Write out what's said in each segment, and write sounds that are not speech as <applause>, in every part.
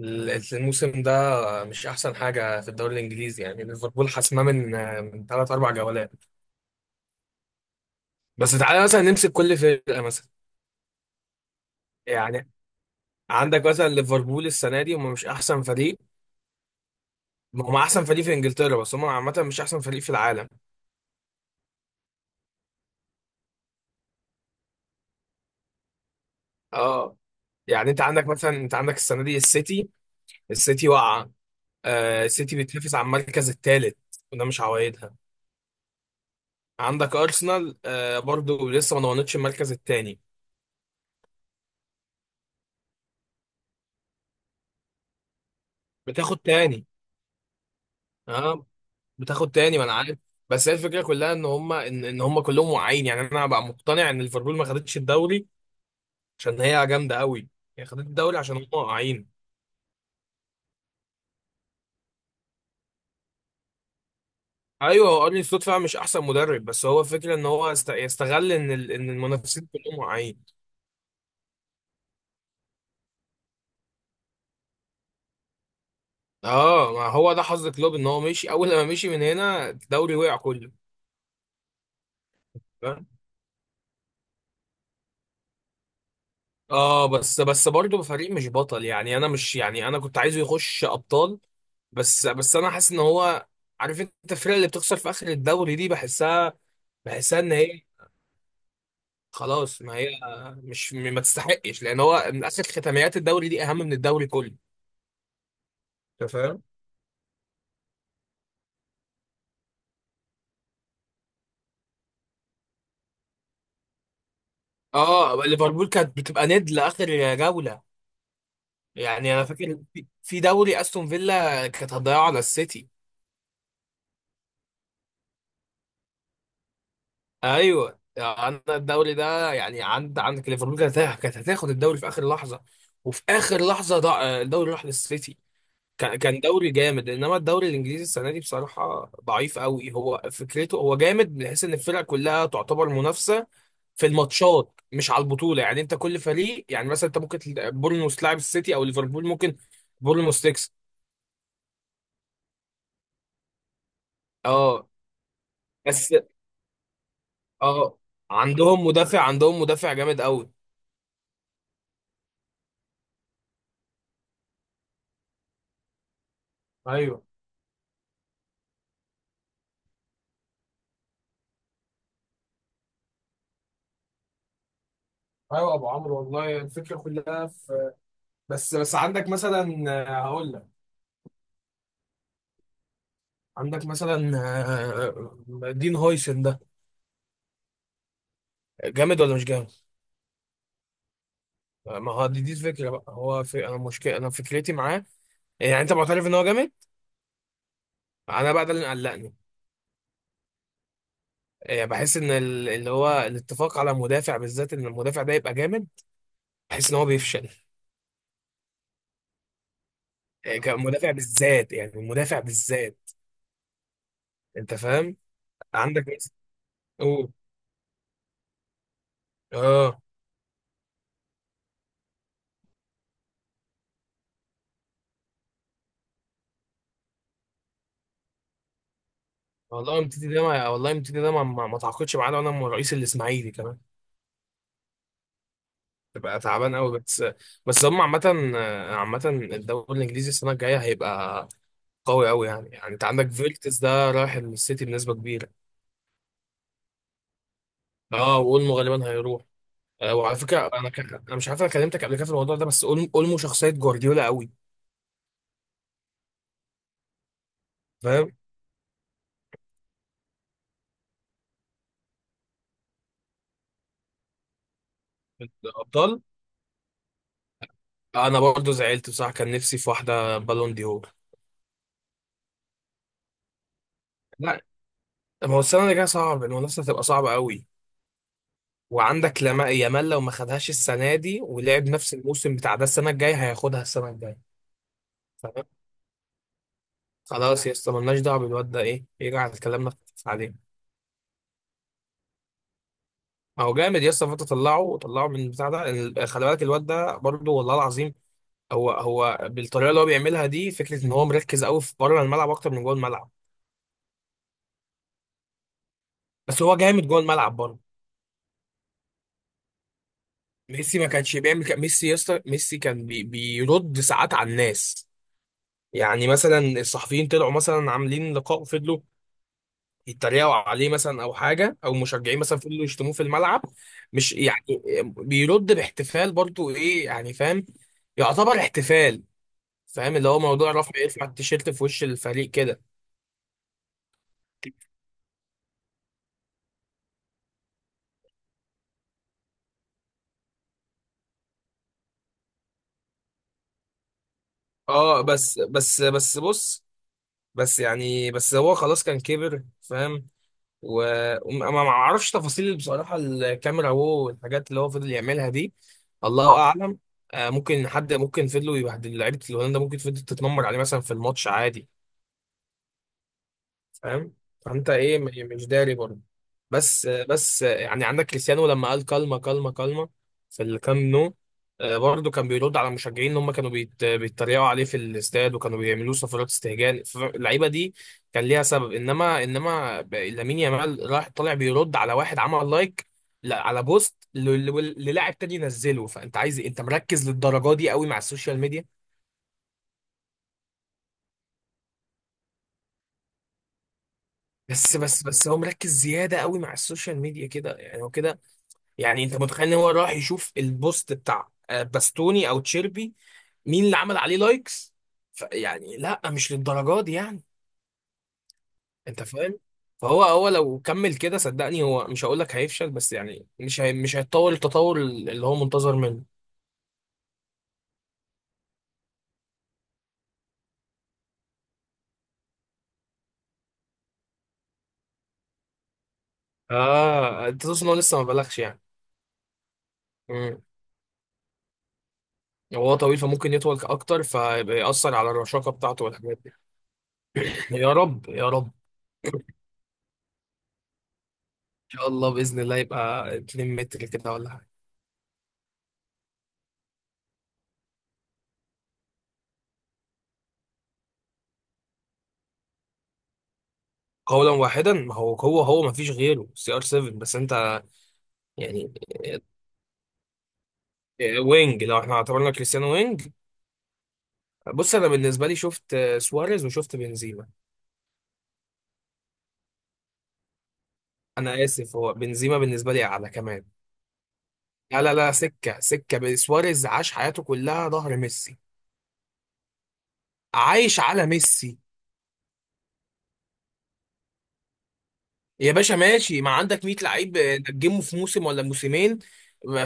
الموسم ده مش احسن حاجه في الدوري الانجليزي، يعني ليفربول حاسماه من ثلاث اربع جولات. بس تعالى مثلا نمسك كل فرقه. مثلا يعني عندك مثلا ليفربول السنه دي، هم مش احسن فريق. هم احسن فريق في انجلترا، بس هم عامه مش احسن فريق في العالم. اه، يعني انت عندك مثلا، انت عندك السنه دي السيتي. السيتي واقعه. آه السيتي بتنافس على المركز الثالث، وده مش عوايدها. عندك ارسنال، آه برضو لسه ما ضمنتش المركز الثاني. بتاخد تاني. آه، بتاخد تاني، ما انا عارف. بس هي الفكره كلها ان هم إن هم كلهم واعيين. يعني انا بقى مقتنع ان ليفربول ما خدتش الدوري عشان هي جامده قوي، هي خدت الدوري عشان هم واعيين. ايوه، هو ارني سلوت فعلا مش احسن مدرب، بس هو فكره ان هو يستغل ان ان المنافسين كلهم واعيين. اه، ما هو ده حظ كلوب ان هو مشي. اول لما مشي من هنا الدوري وقع كله. اه بس برضه فريق مش بطل. يعني انا مش، يعني انا كنت عايزه يخش ابطال. بس انا حاسس ان هو، عارف انت الفرقه اللي بتخسر في اخر الدوري دي، بحسها. بحسها ان هي خلاص، ما هي مش، ما تستحقش، لان هو من اخر ختاميات الدوري دي اهم من الدوري كله. انت فاهم؟ اه، ليفربول كانت بتبقى ند لاخر جوله. يعني انا فاكر في دوري استون فيلا كانت هتضيعه على السيتي. ايوه، عندنا الدوري ده، يعني عند، عندك ليفربول كانت كانت هتاخد الدوري في اخر لحظه، وفي اخر لحظه ضاع الدوري راح للسيتي. كان كان دوري جامد، انما الدوري الانجليزي السنه دي بصراحه ضعيف. قوي هو فكرته. هو جامد بحيث ان الفرق كلها تعتبر منافسه في الماتشات، مش على البطوله. يعني انت كل فريق، يعني مثلا انت ممكن بورنموث تلعب السيتي او ليفربول، ممكن بورنموث تكسب. اه بس. اه، عندهم مدافع، عندهم مدافع جامد قوي. ايوه ايوه ابو عمرو، والله الفكره كلها في، بس عندك مثلا، هقول لك. عندك مثلا، دين هويسن ده، جامد ولا مش جامد؟ ما هو دي الفكره بقى. هو في انا مشكله، انا فكرتي معاه، يعني انت معترف ان هو جامد؟ انا بقى ده اللي قلقني. بحس ان اللي هو الاتفاق على مدافع بالذات، ان المدافع ده يبقى جامد، بحس ان هو بيفشل. كمدافع بالذات، يعني المدافع بالذات. انت فاهم؟ عندك مثلا. قول. اه، والله متيتي ده ما، والله متيتي ده ما تعاقدش معانا، وانا من رئيس الاسماعيلي كمان. تبقى تعبان قوي. بس بس هم عامة. عامة الدوري الانجليزي السنة الجاية هيبقى قوي قوي، يعني يعني انت عندك فيرتس ده رايح السيتي بنسبة كبيرة. اه، واولمو غالبا هيروح. آه، وعلى فكرة انا انا مش عارف انا كلمتك قبل كده في الموضوع ده، بس اولمو شخصية جوارديولا قوي. فاهم الابطال. انا برضه زعلت بصراحة، كان نفسي في واحدة بالون دي هور. لا، ما هو السنة اللي جاية صعب. المنافسة هتبقى صعبة قوي. وعندك لما يامال، لو ما خدهاش السنه دي ولعب نفس الموسم بتاع ده، السنه الجايه هياخدها، السنه الجايه. تمام. خلاص يا اسطى، مالناش دعوه بالواد ده. ايه يرجع الكلام ده عليه. ما هو جامد يا اسطى. فانت طلعه طلعه من بتاع ده خلي بالك الواد ده برضه، والله العظيم. هو هو بالطريقه اللي هو بيعملها دي، فكره ان هو مركز قوي في بره الملعب اكتر من جوه الملعب. بس هو جامد جوه الملعب برضه. ميسي ما كانش بيعمل كده. ميسي يا اسطى، ميسي كان بيرد ساعات على الناس. يعني مثلا الصحفيين طلعوا مثلا عاملين لقاء، فضلوا يتريقوا عليه مثلا، او حاجه، او مشجعين مثلا فضلوا يشتموه في الملعب. مش يعني، بيرد باحتفال برضو. ايه يعني، فاهم؟ يعتبر احتفال. فاهم اللي هو موضوع رفع، يرفع التيشيرت في وش الفريق كده. اه بس بص. بس يعني، بس هو خلاص كان كبر. فاهم؟ وما ما اعرفش تفاصيل بصراحه، الكاميرا وهو والحاجات اللي هو فضل يعملها دي. الله اعلم. آه، ممكن حد، ممكن فضلوا يبهدل لعيبه، الهولندا ممكن فضلت تتنمر عليه مثلا في الماتش عادي. فاهم؟ فانت ايه، مش داري برضه. بس يعني عندك كريستيانو لما قال كلمه كلمه كلمه في الكام نو، برضه كان بيرد على المشجعين ان هم كانوا بيتريقوا عليه في الاستاد، وكانوا بيعملوا صفارات استهجان. اللعيبه دي كان ليها سبب، انما انما لامين يامال راح طالع بيرد على واحد عمل لايك، لا، على بوست للاعب تاني ينزله. فانت عايز إيه؟ انت مركز للدرجه دي قوي مع السوشيال ميديا؟ بس هو مركز زياده قوي مع السوشيال ميديا كده، يعني هو كده. يعني انت متخيل ان هو راح يشوف البوست بتاع باستوني او تشيربي، مين اللي عمل عليه لايكس؟ يعني لا، مش للدرجه دي يعني. انت فاهم؟ فهو هو لو كمل كده، صدقني هو مش، هقول لك هيفشل، بس يعني مش، هي مش هيتطور التطور اللي هو منتظر منه. اه، انت تقصد ان هو لسه ما بلغش يعني. امم هو طويل، فممكن يطول اكتر، فيبقى يأثر على الرشاقه بتاعته والحاجات دي. <laughs> يا رب يا رب ان شاء الله باذن الله يبقى 2 متر كده ولا حاجه. قولا واحدا، ما هو هو هو ما فيش غيره سي ار 7، بس انت يعني، وينج. لو احنا اعتبرنا كريستيانو وينج. بص، انا بالنسبه لي شفت سواريز، وشفت بنزيما. انا اسف، هو بنزيما بالنسبه لي اعلى كمان. لا لا لا، سكه سواريز عاش حياته كلها ظهر ميسي، عايش على ميسي. يا باشا ماشي، ما عندك 100 لعيب نجمه في موسم ولا موسمين.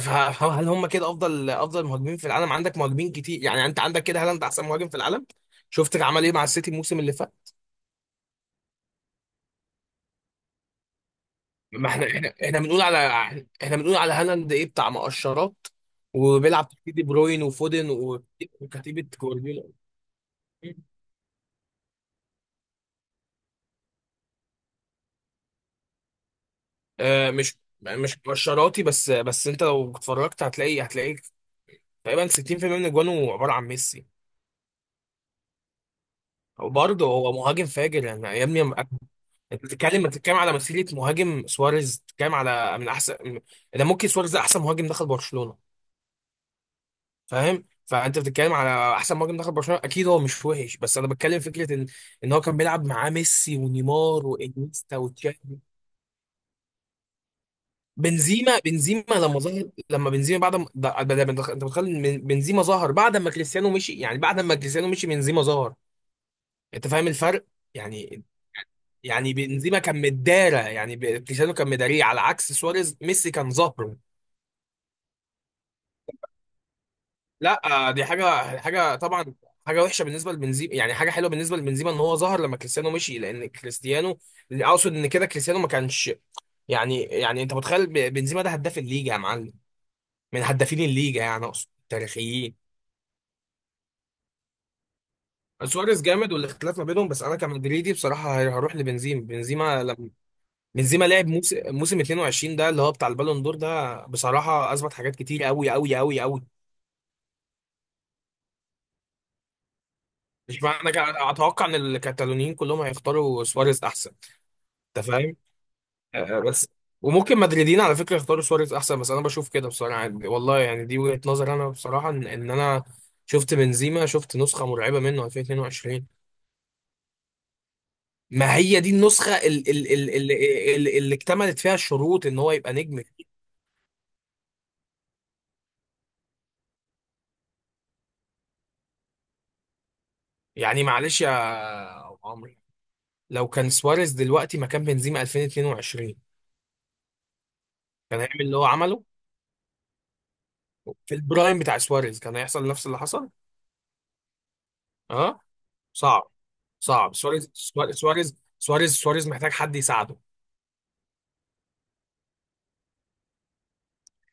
هل هم كده افضل افضل مهاجمين في العالم؟ عندك مهاجمين كتير. يعني انت عندك كده، هل انت احسن مهاجم في العالم؟ شفت عمل ايه مع السيتي الموسم اللي فات. ما احنا بنقول على، احنا بنقول على هالاند ايه، بتاع مقشرات، وبيلعب تحت دي بروين وفودن وكتيبة جوارديولا. آه مش مقشراتي بس. بس انت لو اتفرجت هتلاقي تقريبا 60% من اجوانه عبارة عن ميسي. وبرضه هو مهاجم فاجر، يعني يا ابني أنا. انت بتتكلم على مسيرة مهاجم. سواريز، بتتكلم على من احسن. ده ممكن سواريز ده احسن مهاجم دخل برشلونة. فاهم؟ فانت بتتكلم على احسن مهاجم دخل برشلونه، اكيد هو مش وحش، بس انا بتكلم فكره ان، ان هو كان بيلعب معاه ميسي ونيمار وانيستا وتشافي. بنزيما، بنزيما لما ظهر، لما بنزيما بعد ما ده انت متخيل إن بنزيما ظهر بعد ما كريستيانو مشي؟ يعني بعد ما كريستيانو مشي بنزيما ظهر. انت فاهم الفرق؟ يعني، يعني بنزيما كان مدارة، يعني كريستيانو كان مداريه، على عكس سواريز ميسي كان ظهره. لا، دي حاجه، حاجه طبعا. حاجه وحشه بالنسبه لبنزيما، يعني حاجه حلوه بالنسبه لبنزيما ان هو ظهر لما كريستيانو مشي، لان كريستيانو، اقصد ان كده كريستيانو ما كانش، يعني يعني انت متخيل بنزيما ده هداف الليجا يا معلم، من هدافين الليجا، يعني اقصد تاريخيين. سواريز جامد، والاختلاف ما بينهم، بس انا كمدريدي بصراحه هروح لبنزيما. بنزيما لما، بنزيما لعب موسم، موسم 22 ده اللي هو بتاع البالون دور ده، بصراحه اثبت حاجات كتير قوي قوي قوي قوي. مش معنى كده اتوقع ان الكتالونيين كلهم هيختاروا سواريز احسن. انت فاهم؟ بس وممكن مدريدين على فكره يختاروا سواريز احسن، بس انا بشوف كده بصراحه، يعني والله، يعني دي وجهه نظر. انا بصراحه ان إن انا شفت بنزيما، شفت نسخه مرعبه منه 2022. ما هي دي النسخه اللي اكتملت فيها الشروط ان هو يبقى نجم. يعني معلش يا أبو عمرو، لو كان سواريز دلوقتي مكان بنزيما 2022 كان هيعمل اللي هو عمله. في البرايم بتاع سواريز كان هيحصل نفس اللي حصل. اه صعب. صعب سواريز، سواريز محتاج حد يساعده.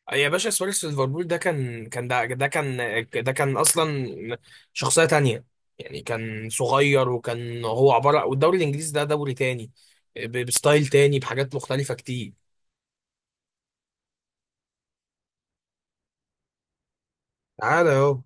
يا باشا سواريز في ليفربول ده كان، كان ده، ده كان، ده كان اصلا شخصية تانية. يعني كان صغير، وكان هو عبارة، والدوري الانجليزي ده دوري تاني، بستايل تاني بحاجات مختلفة كتير. تعالى اهو.